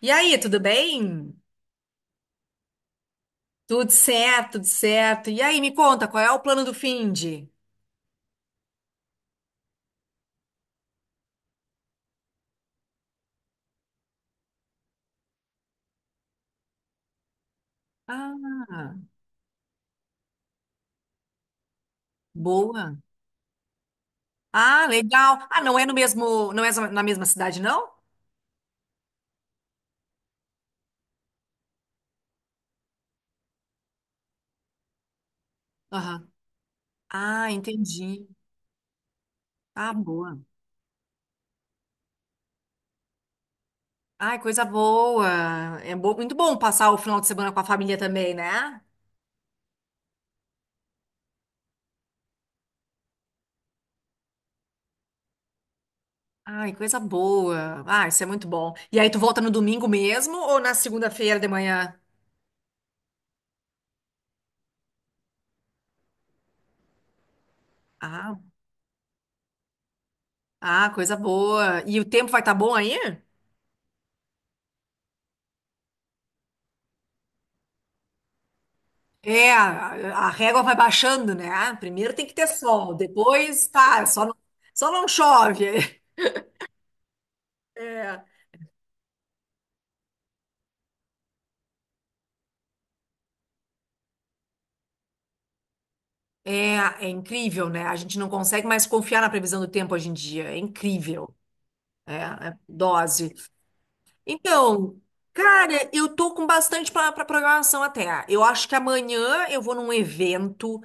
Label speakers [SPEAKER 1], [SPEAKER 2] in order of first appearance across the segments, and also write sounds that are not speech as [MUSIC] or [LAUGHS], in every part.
[SPEAKER 1] E aí, tudo bem? Tudo certo, tudo certo. E aí, me conta, qual é o plano do Find? Ah, boa. Ah, legal. Ah, não é no mesmo, não é na mesma cidade, não? Aham. Ah, entendi. Ah, boa. Ai, coisa boa. Muito bom passar o final de semana com a família também, né? Ai, coisa boa. Ah, isso é muito bom. E aí, tu volta no domingo mesmo ou na segunda-feira de manhã? Ah, ah, coisa boa. E o tempo vai estar bom aí? É, a régua vai baixando, né? Ah, primeiro tem que ter sol, depois tá, só não chove. [LAUGHS] É. É, é incrível, né? A gente não consegue mais confiar na previsão do tempo hoje em dia. É incrível. É, é dose. Então, cara, eu tô com bastante pra programação até. Eu acho que amanhã eu vou num evento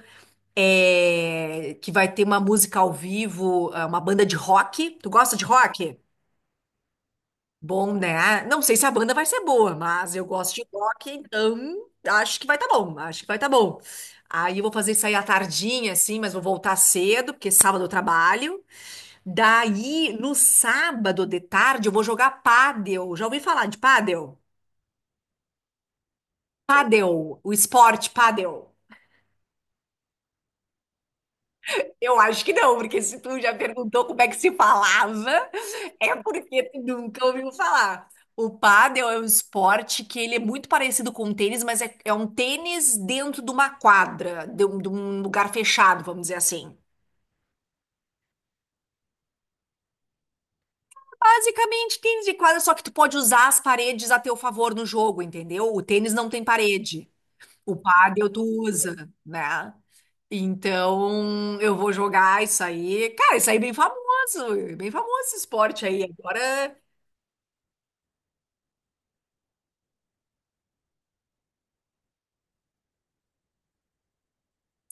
[SPEAKER 1] que vai ter uma música ao vivo, uma banda de rock. Tu gosta de rock? Bom, né? Não sei se a banda vai ser boa, mas eu gosto de rock, então acho que vai tá bom, acho que vai tá bom. Aí eu vou fazer isso aí à tardinha, assim, mas vou voltar cedo, porque sábado eu trabalho. Daí, no sábado de tarde, eu vou jogar pádel. Já ouvi falar de pádel? Pádel, o esporte pádel. Eu acho que não, porque se tu já perguntou como é que se falava, [LAUGHS] é porque tu nunca ouviu falar. O pádel é um esporte que ele é muito parecido com o tênis, mas é, é um tênis dentro de uma quadra, de um lugar fechado, vamos dizer assim. Basicamente, tênis de quadra, só que tu pode usar as paredes a teu favor no jogo, entendeu? O tênis não tem parede. O Paddle tu usa, né? Então, eu vou jogar isso aí. Cara, isso aí é bem famoso esse esporte aí. Agora,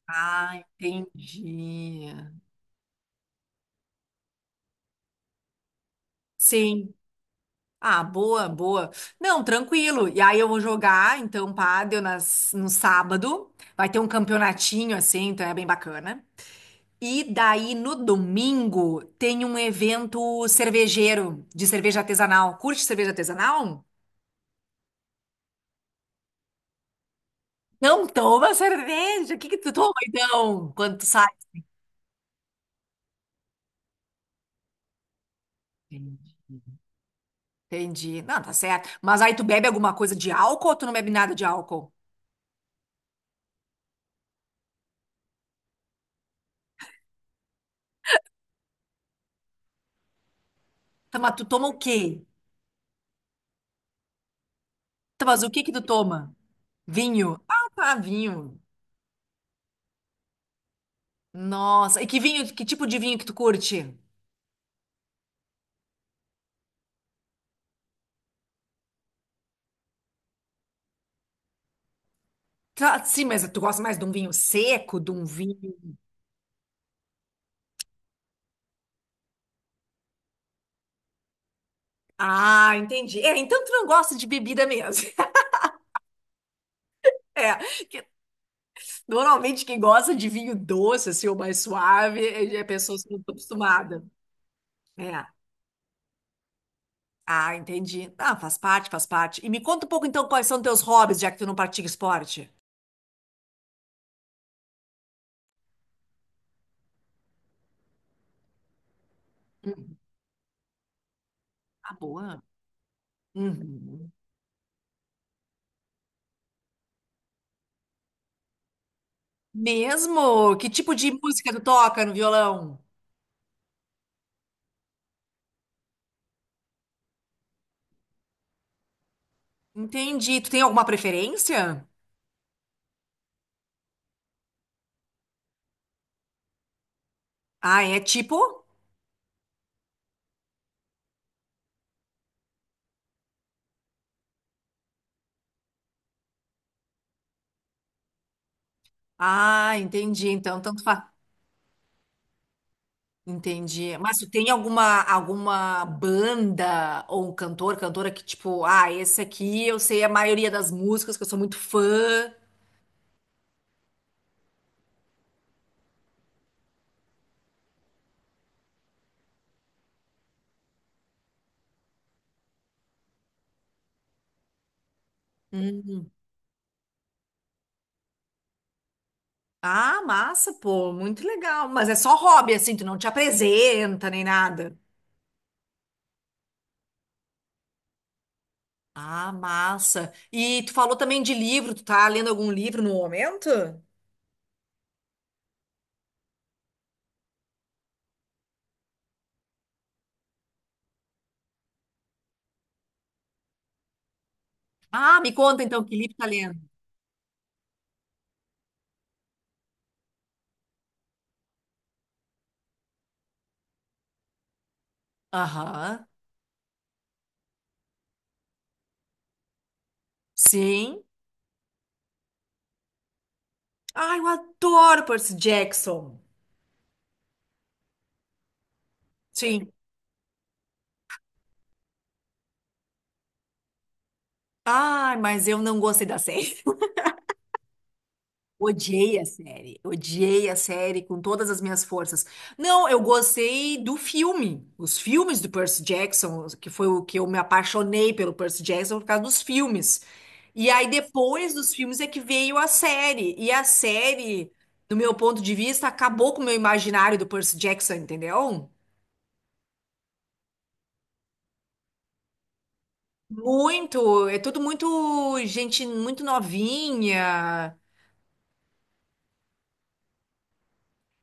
[SPEAKER 1] ah, entendi. Sim. Ah, boa, boa. Não, tranquilo. E aí eu vou jogar, então, pádel no sábado. Vai ter um campeonatinho assim, então é bem bacana. E daí no domingo tem um evento cervejeiro de cerveja artesanal. Curte cerveja artesanal? Não toma cerveja. O que que tu toma então quando tu sai? Entendi. Não, tá certo. Mas aí tu bebe alguma coisa de álcool ou tu não bebe nada de álcool? Tá, mas tu toma o quê? Tá, mas o que que tu toma? Vinho. Ah, tá, vinho. Nossa, e que vinho, que tipo de vinho que tu curte? Tá, sim, mas tu gosta mais de um vinho seco, de um vinho. Ah, entendi. É, então tu não gosta de bebida mesmo. [LAUGHS] É, que- normalmente quem gosta de vinho doce, assim, ou mais suave, é pessoas que não estão acostumadas. É. Ah, entendi. Ah, faz parte, faz parte. E me conta um pouco então quais são teus hobbies, já que tu não pratica esporte. Hum, Ah, boa. Uhum. Mesmo? Que tipo de música tu toca no violão? Entendi. Tu tem alguma preferência? Ah, é tipo? Ah, entendi. Então, tanto faz. Entendi. Mas tu tem alguma banda ou um cantor, cantora que tipo, ah, esse aqui eu sei a maioria das músicas, que eu sou muito fã. Hum. Ah, massa, pô, muito legal. Mas é só hobby, assim, tu não te apresenta nem nada. Ah, massa. E tu falou também de livro, tu tá lendo algum livro no momento? Ah, me conta então que livro tá lendo. Aham, sim. Ai, eu adoro Percy Jackson. Sim. Ai, mas eu não gostei da série. Odiei a série, odiei a série com todas as minhas forças. Não, eu gostei do filme, os filmes do Percy Jackson, que foi o que eu me apaixonei pelo Percy Jackson por causa dos filmes. E aí depois dos filmes é que veio a série, e a série, do meu ponto de vista, acabou com o meu imaginário do Percy Jackson, entendeu? Muito, é tudo muito gente muito novinha,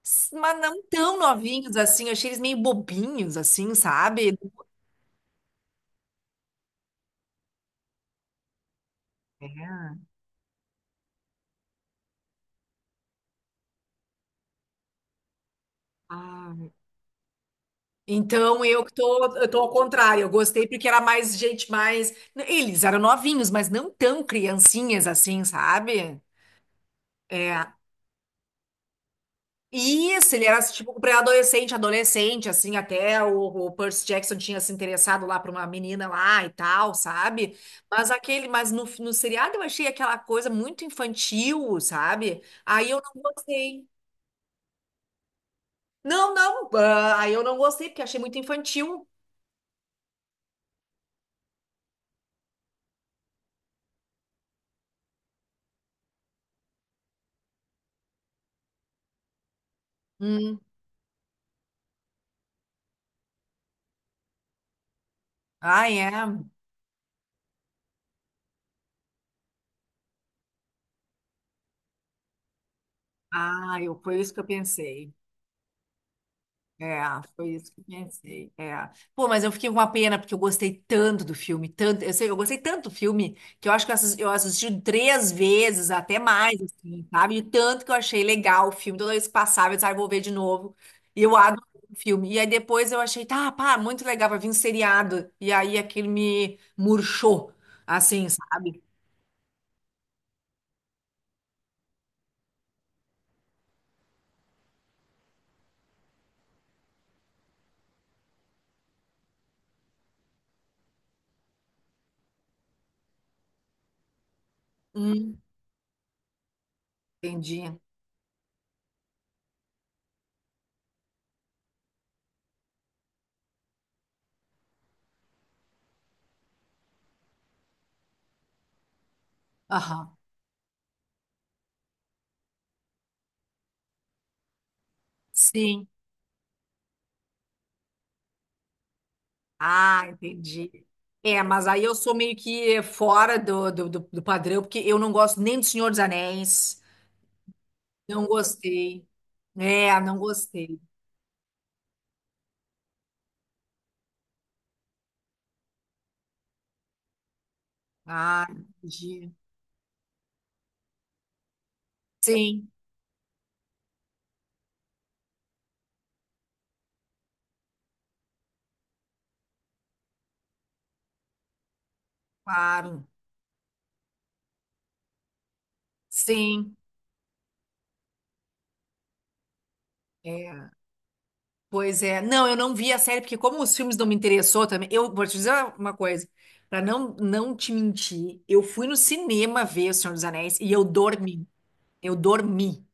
[SPEAKER 1] mas não tão novinhos assim, eu achei eles meio bobinhos assim, sabe? É. Ah, então eu tô ao contrário, eu gostei porque era mais gente mais, né? Eles eram novinhos, mas não tão criancinhas assim, sabe? É. Isso, ele era tipo pré-adolescente, adolescente, assim, até o Percy Jackson tinha se interessado lá pra uma menina lá e tal, sabe? Mas aquele, mas no seriado eu achei aquela coisa muito infantil, sabe? Aí eu não gostei. Não, não, ah, aí eu não gostei porque achei muito infantil. Hum. Ah, é. Ah, eu, foi isso que eu pensei. É, foi isso que eu pensei. É. Pô, mas eu fiquei com uma pena, porque eu gostei tanto do filme, tanto, eu sei, eu gostei tanto do filme, que eu acho que eu assisti três vezes, até mais, assim, sabe? E tanto que eu achei legal o filme, toda vez que passava, eu disse, ah, eu vou ver de novo. E eu adoro o filme. E aí depois eu achei, tá, pá, muito legal, vai vir um seriado. E aí aquilo me murchou, assim, sabe? Hum, entendi. Aham. Sim. Ah, entendi. É, mas aí eu sou meio que fora do padrão, porque eu não gosto nem do Senhor dos Anéis. Não gostei. É, não gostei. Ah, entendi. Sim, claro. Sim. É. Pois é. Não, eu não vi a série, porque como os filmes não me interessou também, eu vou te dizer uma coisa, para não, não te mentir, eu fui no cinema ver O Senhor dos Anéis e eu dormi. Eu dormi.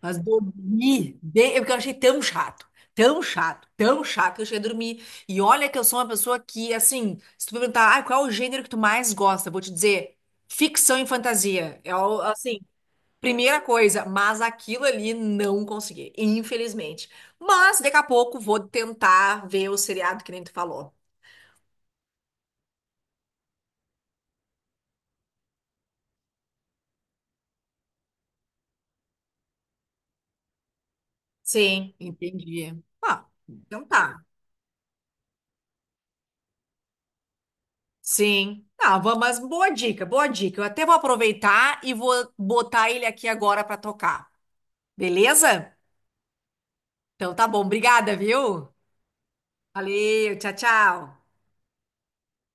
[SPEAKER 1] Mas dormir, bem, é porque eu achei tão chato, tão chato, tão chato que eu cheguei a dormir. E olha que eu sou uma pessoa que, assim, se tu perguntar, ah, qual é o gênero que tu mais gosta? Eu vou te dizer, ficção e fantasia. É, assim, primeira coisa, mas aquilo ali não consegui, infelizmente. Mas daqui a pouco vou tentar ver o seriado que nem tu falou. Sim, entendi. Ah, então tá. Sim. Ah, mas boa dica, boa dica. Eu até vou aproveitar e vou botar ele aqui agora para tocar. Beleza? Então tá bom. Obrigada, viu? Valeu, tchau, tchau.